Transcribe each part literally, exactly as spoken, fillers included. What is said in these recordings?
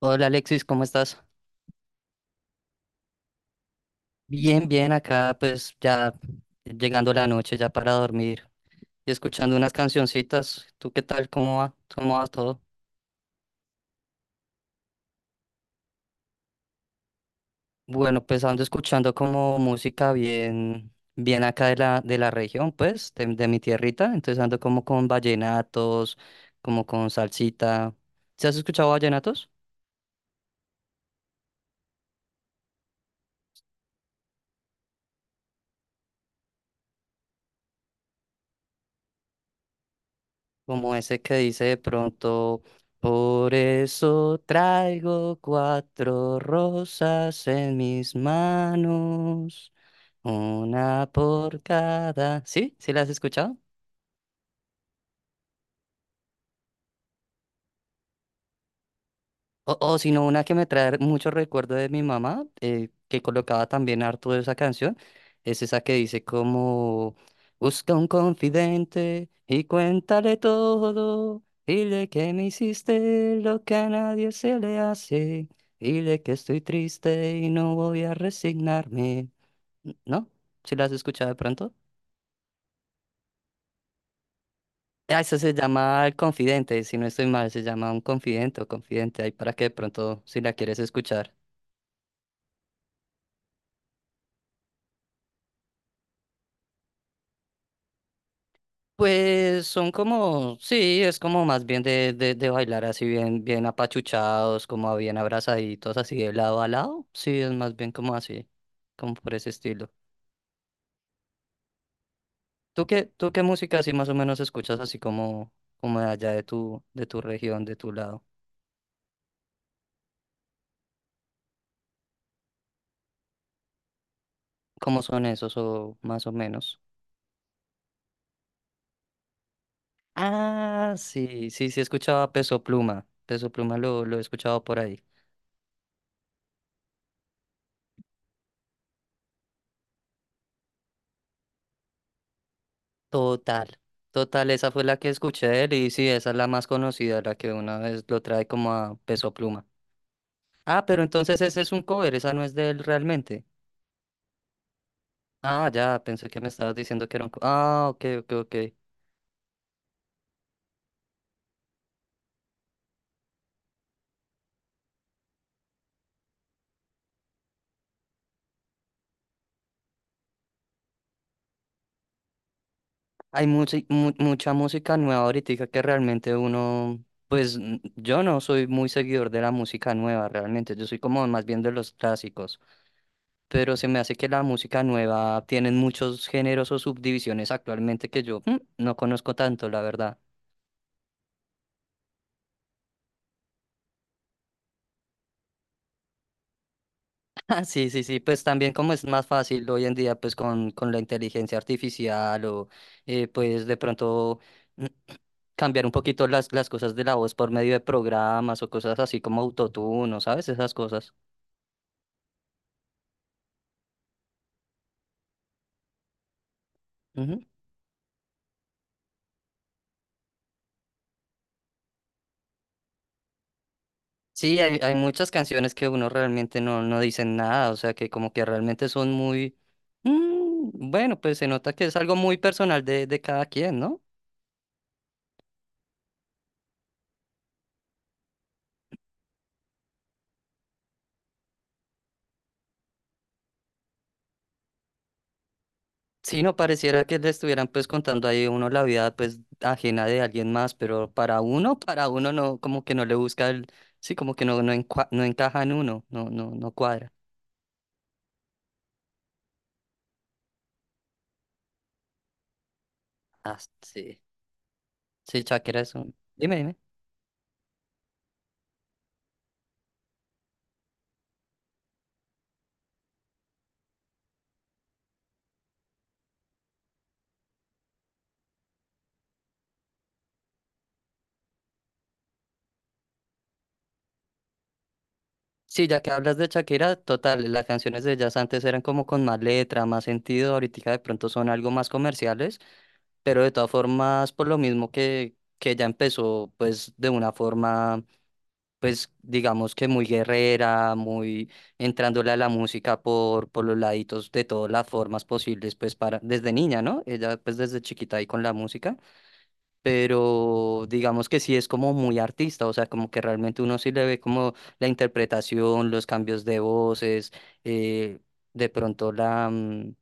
Hola Alexis, ¿cómo estás? Bien, bien, acá pues ya llegando la noche, ya para dormir y escuchando unas cancioncitas. ¿Tú qué tal? ¿Cómo va? ¿Cómo va todo? Bueno, pues ando escuchando como música bien, bien acá de la, de la región, pues, de, de mi tierrita. Entonces ando como con vallenatos, como con salsita. ¿Se has escuchado vallenatos? Como ese que dice de pronto, por eso traigo cuatro rosas en mis manos, una por cada. ¿Sí? ¿Sí las has escuchado? O, o si no, una que me trae muchos recuerdos de mi mamá, eh, que colocaba también harto de esa canción, es esa que dice como, busca un confidente y cuéntale todo, dile que me hiciste lo que a nadie se le hace, dile que estoy triste y no voy a resignarme. N- ¿No? ¿Si la has escuchado de pronto? Ah, esa se llama El Confidente, si no estoy mal, se llama Un Confidente o Confidente, ahí para que de pronto, si la quieres escuchar. Pues son como, sí, es como más bien de, de, de, bailar así bien, bien apachuchados, como bien abrazaditos, así de lado a lado. Sí, es más bien como así, como por ese estilo. ¿Tú qué, tú qué música así más o menos escuchas así como, como, de allá de tu, de tu región, de tu lado? ¿Cómo son esos o más o menos? Ah, sí, sí, sí escuchaba Peso Pluma. Peso Pluma lo, lo he escuchado por ahí. Total, total, esa fue la que escuché de él y sí, esa es la más conocida, la que una vez lo trae como a Peso Pluma. Ah, pero entonces ese es un cover, esa no es de él realmente. Ah, ya, pensé que me estabas diciendo que era un cover. Ah, ok, ok, ok. Hay mucha, mucha música nueva ahorita que realmente uno, pues n- yo no soy muy seguidor de la música nueva realmente, yo soy como más bien de los clásicos, pero se me hace que la música nueva tienen muchos géneros o subdivisiones actualmente que yo mm, no conozco tanto, la verdad. Ah, sí, sí, sí, pues también como es más fácil hoy en día, pues con, con, la inteligencia artificial o eh, pues de pronto mm, cambiar un poquito las, las cosas de la voz por medio de programas o cosas así como autotune, ¿no ¿sabes? Esas cosas. Ujú. Sí, hay, hay muchas canciones que uno realmente no, no dicen nada, o sea que como que realmente son muy... mm, bueno, pues se nota que es algo muy personal de, de cada quien, ¿no? Sí, no pareciera que le estuvieran pues contando ahí uno la vida pues ajena de alguien más, pero para uno, para uno no, como que no le busca el, sí, como que no, no, encua- no encaja en uno, no, no, no cuadra. Ah, sí, sí, Shakira es un, dime, dime. Sí, ya que hablas de Shakira, total, las canciones de ellas antes eran como con más letra, más sentido, ahorita de pronto son algo más comerciales, pero de todas formas, por lo mismo que, que, ella empezó pues de una forma pues digamos que muy guerrera, muy entrándole a la música por, por los laditos de todas las formas posibles, pues para, desde niña, ¿no? Ella pues desde chiquita ahí con la música, pero digamos que sí es como muy artista, o sea, como que realmente uno sí le ve como la interpretación, los cambios de voces, eh, de pronto la... mm,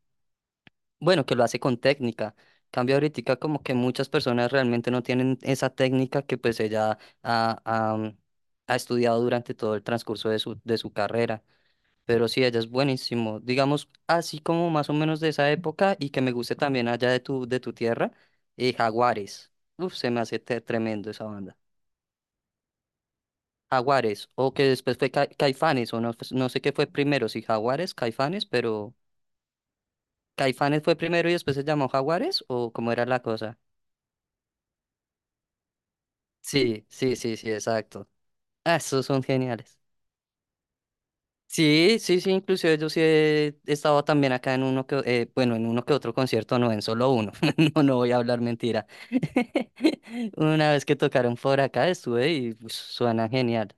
bueno, que lo hace con técnica. Cambia ahorita como que muchas personas realmente no tienen esa técnica que pues ella ha, ha- mm, ha estudiado durante todo el transcurso de su, de su, carrera. Pero sí, ella es buenísimo. Digamos, así como más o menos de esa época y que me guste también allá de tu, de tu tierra, eh, Jaguares. Uf, se me hace te- tremendo esa banda. Jaguares, o que después fue Ca- Caifanes, o no, pues, no sé qué fue primero, si Jaguares, Caifanes, pero... ¿Caifanes fue primero y después se llamó Jaguares? ¿O cómo era la cosa? Sí, sí, sí, sí, exacto. Ah, esos son geniales. Sí, sí, sí, inclusive yo sí he estado también acá en uno que, eh, bueno, en uno que otro concierto, no, en solo uno. No, no voy a hablar mentira. Una vez que tocaron por acá estuve y pues, suena genial.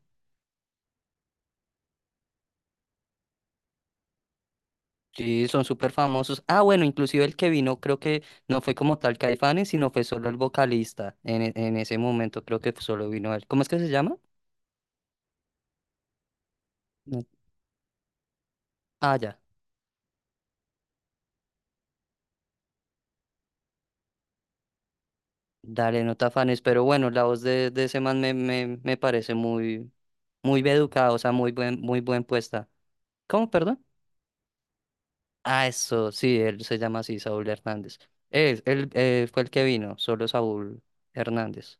Sí, son súper famosos. Ah, bueno, inclusive el que vino creo que no fue como tal Caifanes, sino fue solo el vocalista en, e- en ese momento, creo que solo vino él. ¿Cómo es que se llama? No. Ah, ya. Dale, no te afanes, pero bueno, la voz de, de, ese man me, me, me parece muy, muy bien educada, o sea, muy buen, muy buen puesta. ¿Cómo, perdón? Ah, eso, sí, él se llama así, Saúl Hernández. Él, él eh, fue el que vino, solo Saúl Hernández.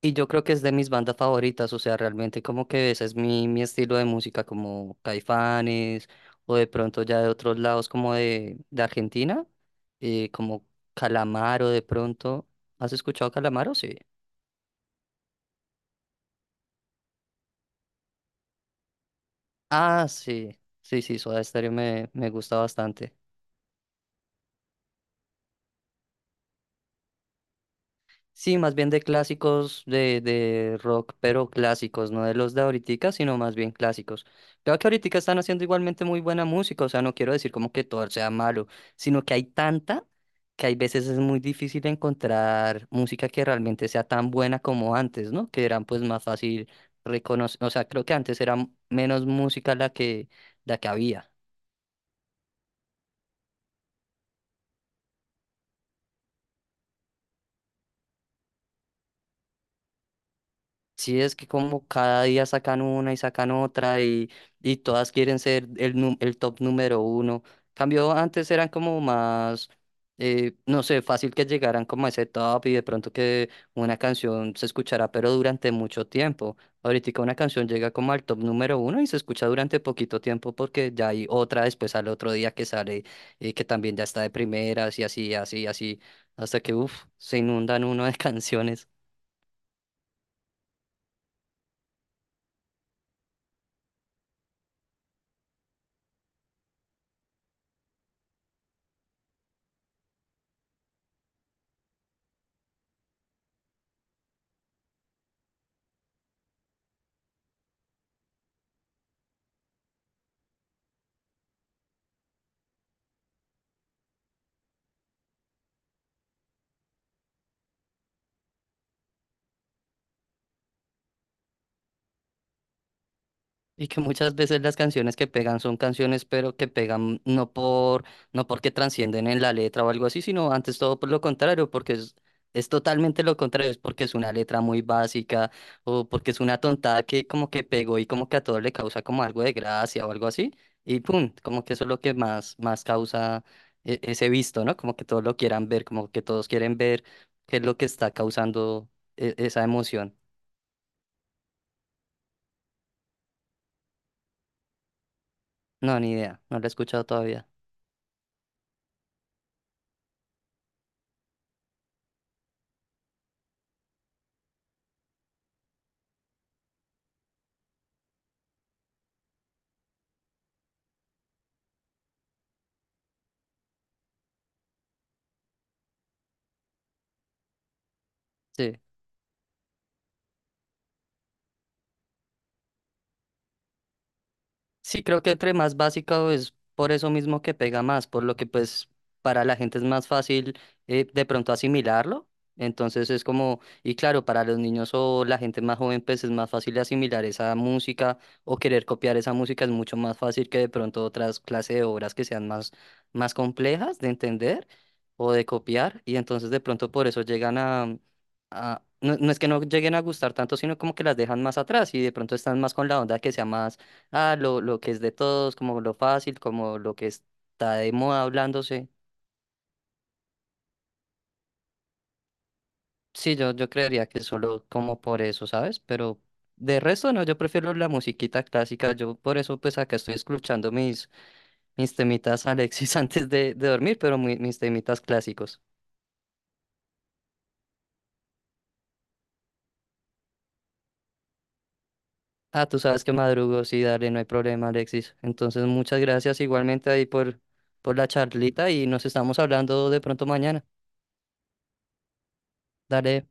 Y yo creo que es de mis bandas favoritas, o sea, realmente como que ese es mi, mi estilo de música, como Caifanes, o de pronto ya de otros lados, como de, de, Argentina, eh, como Calamaro de pronto. ¿Has escuchado Calamaro? Sí. Ah, sí, sí, sí, Soda Stereo me, me gusta bastante. Sí, más bien de clásicos de, de rock, pero clásicos, no de los de ahoritica, sino más bien clásicos. Creo que ahoritica están haciendo igualmente muy buena música, o sea, no quiero decir como que todo sea malo, sino que hay tanta que hay veces es muy difícil encontrar música que realmente sea tan buena como antes, ¿no? Que eran pues más fácil reconocer, o sea, creo que antes era menos música la que, la que había. Sí, es que como cada día sacan una y sacan otra y, y todas quieren ser el, nu- el top número uno. Cambio, antes eran como más, eh, no sé, fácil que llegaran como a ese top y de pronto que una canción se escuchará, pero durante mucho tiempo. Ahorita una canción llega como al top número uno y se escucha durante poquito tiempo porque ya hay otra después al otro día que sale eh, que también ya está de primeras y así, así, así, hasta que, uff, se inundan uno de canciones. Y que muchas veces las canciones que pegan son canciones, pero que pegan no por, no porque transcienden en la letra o algo así, sino antes todo por lo contrario, porque es, es totalmente lo contrario, es porque es una letra muy básica o porque es una tontada que como que pegó y como que a todos le causa como algo de gracia o algo así, y pum, como que eso es lo que más, más causa e- ese visto, ¿no? Como que todos lo quieran ver, como que todos quieren ver qué es lo que está causando e- esa emoción. No, ni idea, no la he escuchado todavía. Sí. Sí, creo que entre más básica es por eso mismo que pega más, por lo que pues para la gente es más fácil eh, de pronto asimilarlo. Entonces es como, y claro, para los niños o la gente más joven pues es más fácil asimilar esa música o querer copiar esa música es mucho más fácil que de pronto otras clases de obras que sean más, más complejas de entender o de copiar. Y entonces de pronto por eso llegan a, a- no, no es que no lleguen a gustar tanto, sino como que las dejan más atrás y de pronto están más con la onda que sea más. Ah, lo, lo que es de todos, como lo fácil, como lo que está de moda hablándose. Sí, yo, yo creería que solo como por eso, ¿sabes? Pero de resto no, yo prefiero la musiquita clásica. Yo por eso pues acá estoy escuchando mis, mis temitas Alexis antes de, de, dormir, pero mi- mis temitas clásicos. Ah, tú sabes que madrugo, sí, dale, no hay problema, Alexis. Entonces, muchas gracias igualmente ahí por, por, la charlita y nos estamos hablando de pronto mañana. Dale.